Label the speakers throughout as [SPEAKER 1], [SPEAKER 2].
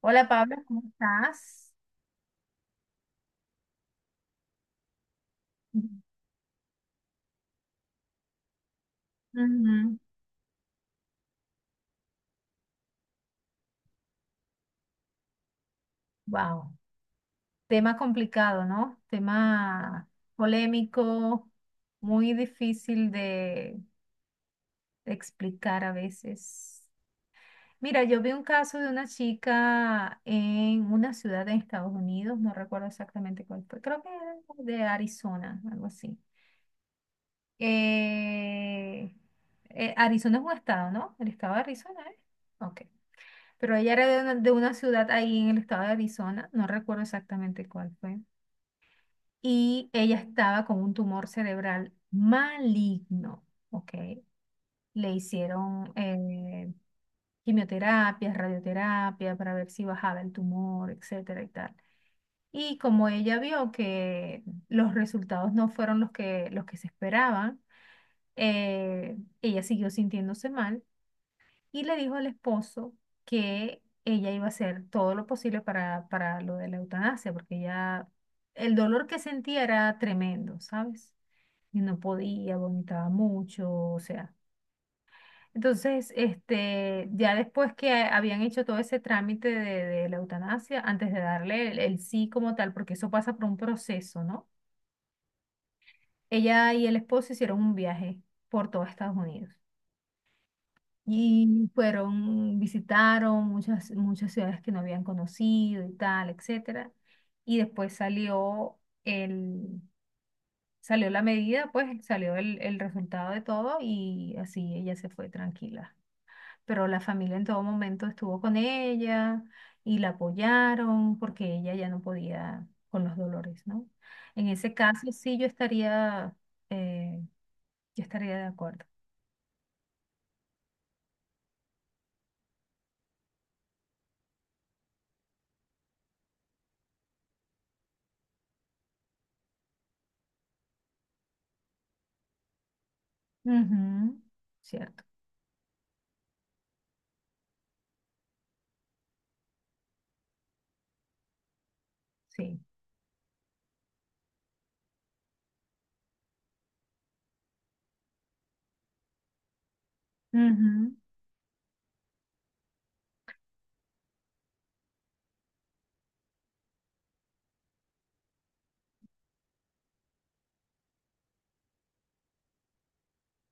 [SPEAKER 1] Hola Pablo, ¿cómo estás? Ujú. Wow, tema complicado, ¿no? Tema polémico, muy difícil de explicar a veces. Mira, yo vi un caso de una chica en una ciudad en Estados Unidos, no recuerdo exactamente cuál fue, creo que era de Arizona, algo así. Eh, Arizona es un estado, ¿no? El estado de Arizona, ¿eh? Ok. Pero ella era de una ciudad ahí en el estado de Arizona, no recuerdo exactamente cuál fue. Y ella estaba con un tumor cerebral maligno, ¿ok? Le hicieron quimioterapias, radioterapia para ver si bajaba el tumor, etcétera y tal. Y como ella vio que los resultados no fueron los que se esperaban, ella siguió sintiéndose mal y le dijo al esposo que ella iba a hacer todo lo posible para lo de la eutanasia, porque ella, el dolor que sentía era tremendo, ¿sabes? Y no podía, vomitaba mucho, o sea. Entonces, este, ya después que habían hecho todo ese trámite de la eutanasia, antes de darle el sí como tal, porque eso pasa por un proceso, ¿no? Ella y el esposo hicieron un viaje por todo Estados Unidos. Y fueron, visitaron muchas, muchas ciudades que no habían conocido y tal, etcétera. Y después salió el, salió la medida, pues salió el resultado de todo y así ella se fue tranquila. Pero la familia en todo momento estuvo con ella y la apoyaron porque ella ya no podía con los dolores, ¿no? En ese caso sí eh, yo estaría de acuerdo. Ujú, cierto, sí. Ujú.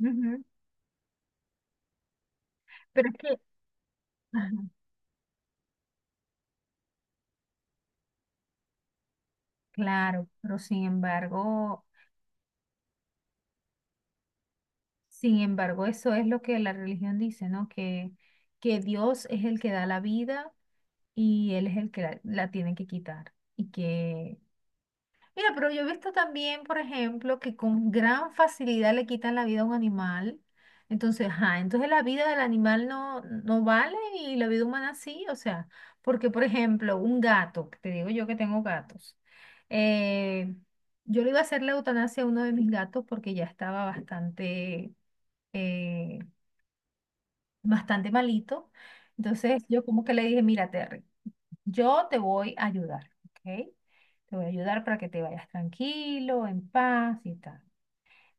[SPEAKER 1] Ujú. Pero es que, ajá, claro, pero sin embargo, sin embargo, eso es lo que la religión dice, ¿no? Que Dios es el que da la vida y Él es el que la tiene que quitar. Y que mira, pero yo he visto también, por ejemplo, que con gran facilidad le quitan la vida a un animal. Entonces, ajá, entonces la vida del animal no, no vale y la vida humana sí. O sea, porque, por ejemplo, un gato, que te digo yo que tengo gatos, eh, yo le iba a hacer la eutanasia a uno de mis gatos porque ya estaba bastante, eh, bastante malito. Entonces, yo como que le dije, mírate yo te voy a ayudar, ¿ok? Te voy a ayudar para que te vayas tranquilo, en paz y tal.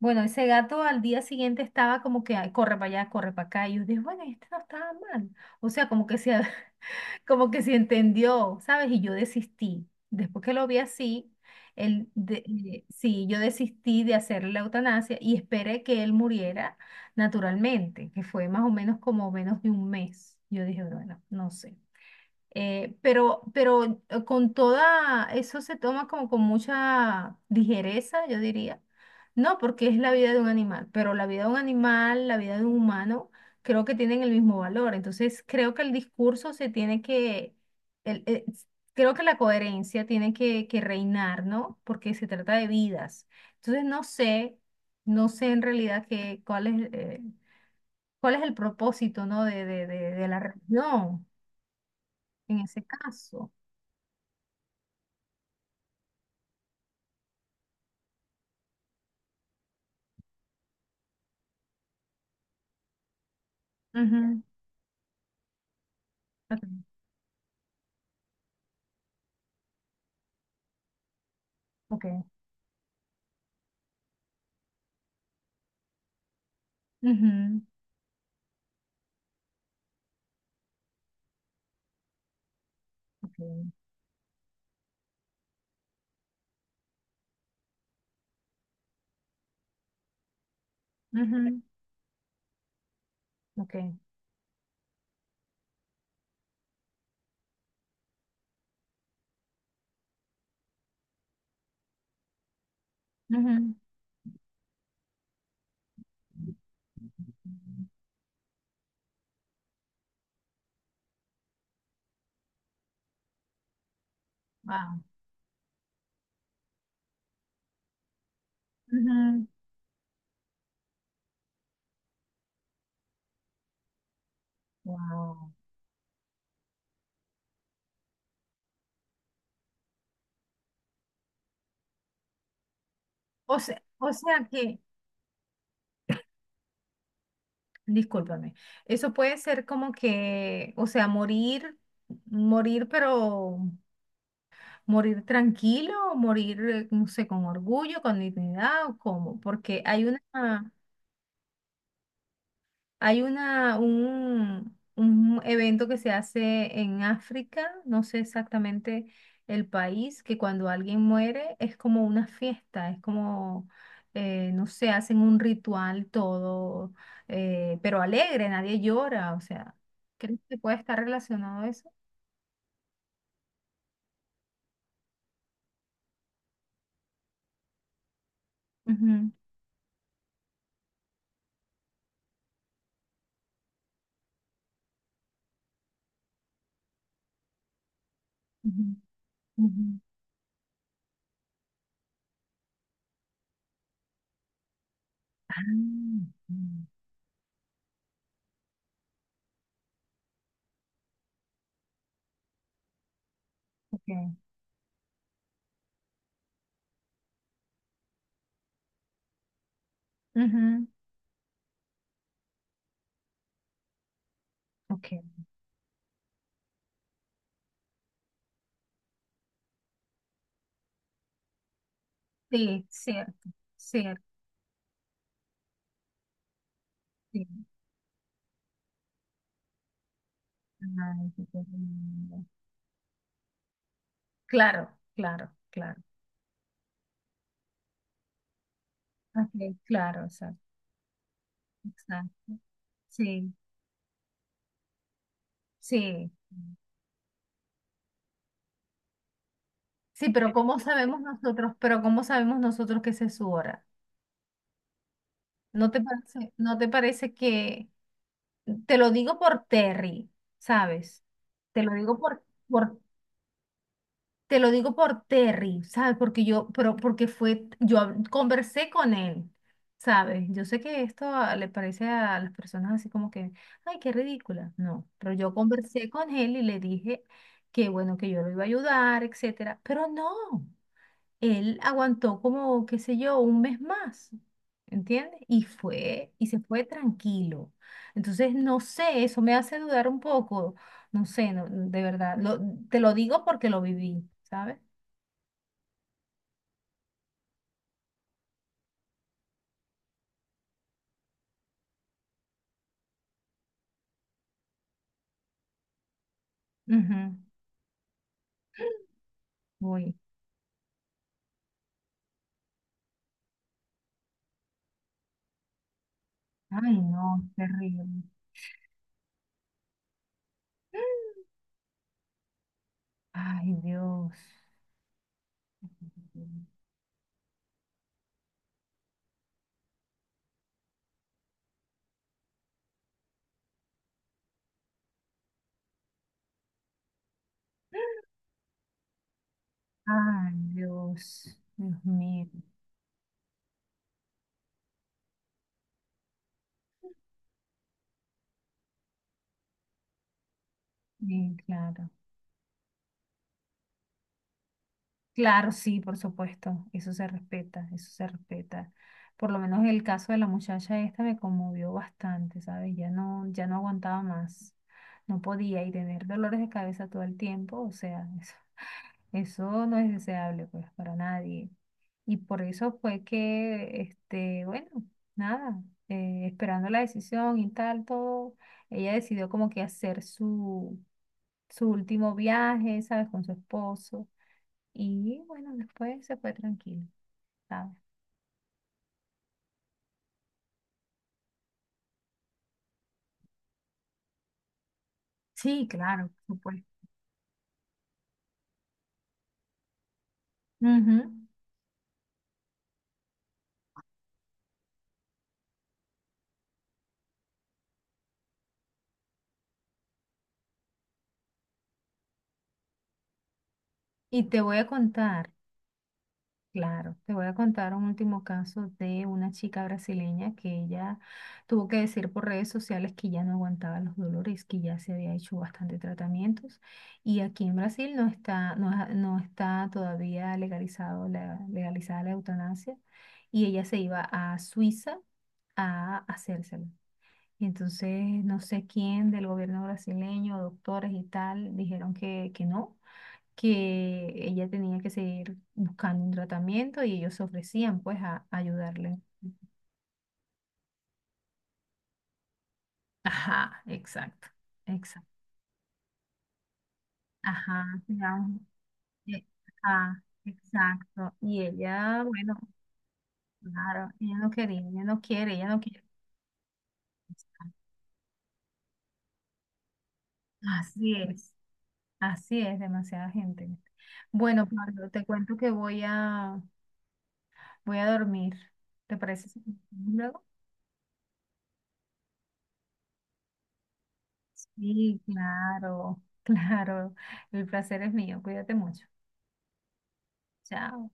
[SPEAKER 1] Bueno, ese gato al día siguiente estaba como que "Ay, corre para allá, corre para acá". Y yo dije, bueno, este no estaba mal. O sea, como que se, como que se entendió, ¿sabes? Y yo desistí. Después que lo vi así, sí, yo desistí de hacerle la eutanasia y esperé que él muriera naturalmente, que fue más o menos como menos de un mes. Yo dije, bueno, no sé. Pero con toda, eso se toma como con mucha ligereza, yo diría. No, porque es la vida de un animal, pero la vida de un animal, la vida de un humano, creo que tienen el mismo valor. Entonces, creo que el discurso se tiene que, el- eh, s- creo que la coherencia tiene que reinar, ¿no? Porque se trata de vidas. Entonces, no sé, no sé en realidad qué, cuál es el propósito, ¿no? De la religión en ese caso. Ujú, ok, ujú, ok, ujú, ok, ujú, wow. Ujú. Wow. O sea, discúlpame, eso puede ser como que, o sea, morir, morir, pero morir tranquilo, o morir, no sé, con orgullo, con dignidad o cómo, porque hay una, hay una, un evento que se hace en África, no sé exactamente el país, que cuando alguien muere es como una fiesta, es como, no sé, hacen un ritual todo, pero alegre, nadie llora, o sea, ¿crees que puede estar relacionado a eso? Ujú, ujú, ujú. Ah, mm, ok. Ujú, ok. Sí, cierto, cierto. Sí. Ay, qué terrible. Claro, claro, claro. Ok, claro, exacto, exacto. Sí, sí. Sí, pero pero ¿cómo sabemos nosotros que esa es su hora? ¿No te parece que, te lo digo por Terry, ¿sabes? Te lo digo por, por Te lo digo por Terry, ¿sabes? Porque yo, pero porque fue, conversé con él, ¿sabes? Yo sé que esto le parece a las personas así como que, ay, qué ridícula. No, pero yo conversé con él y le dije que bueno, que yo lo iba a ayudar, etcétera. Pero no él aguantó como, qué sé yo, un mes más, ¿entiendes? Y fue, y se fue tranquilo. Entonces, no sé, eso me hace dudar un poco, no sé, no, de verdad, te lo digo porque lo viví, ¿sabes? Ujú. Uy, ay, no, terrible. Ay, Dios. Ay, Dios. Dios mío. Sí, claro. Claro, sí, por supuesto, eso se respeta, eso se respeta. Por lo menos el caso de la muchacha esta me conmovió bastante, ¿sabes? Ya no, ya no aguantaba más, no podía y tener dolores de cabeza todo el tiempo, o sea, eso no es deseable pues para nadie. Y por eso fue que, este, bueno, nada, esperando la decisión y tal, todo, ella decidió como que hacer su, su último viaje, ¿sabes? Con su esposo. Y bueno, después se fue tranquilo, ¿sabes? Sí, claro, por supuesto. Ujú. Y te voy a contar, claro, te voy a contar un último caso de una chica brasileña que ella tuvo que decir por redes sociales que ya no aguantaba los dolores, que ya se había hecho bastante tratamientos. Y aquí en Brasil no está todavía legalizado legalizada la eutanasia. Y ella se iba a Suiza a hacérselo. Y entonces no sé quién del gobierno brasileño, doctores y tal, dijeron que no, que ella tenía que seguir buscando un tratamiento y ellos se ofrecían pues a, ayudarle. Ajá, exacto, exacto. Ajá, digamos, eh, ajá, exacto. Y ella, bueno, claro, ella no quería, ella no quiere, ella no quiere. Así es, así es, demasiada gente. Bueno, Pablo, te cuento que voy a, voy a dormir. ¿Te parece si continuamos luego? Sí, claro, claro. El placer es mío. Cuídate mucho. Chao.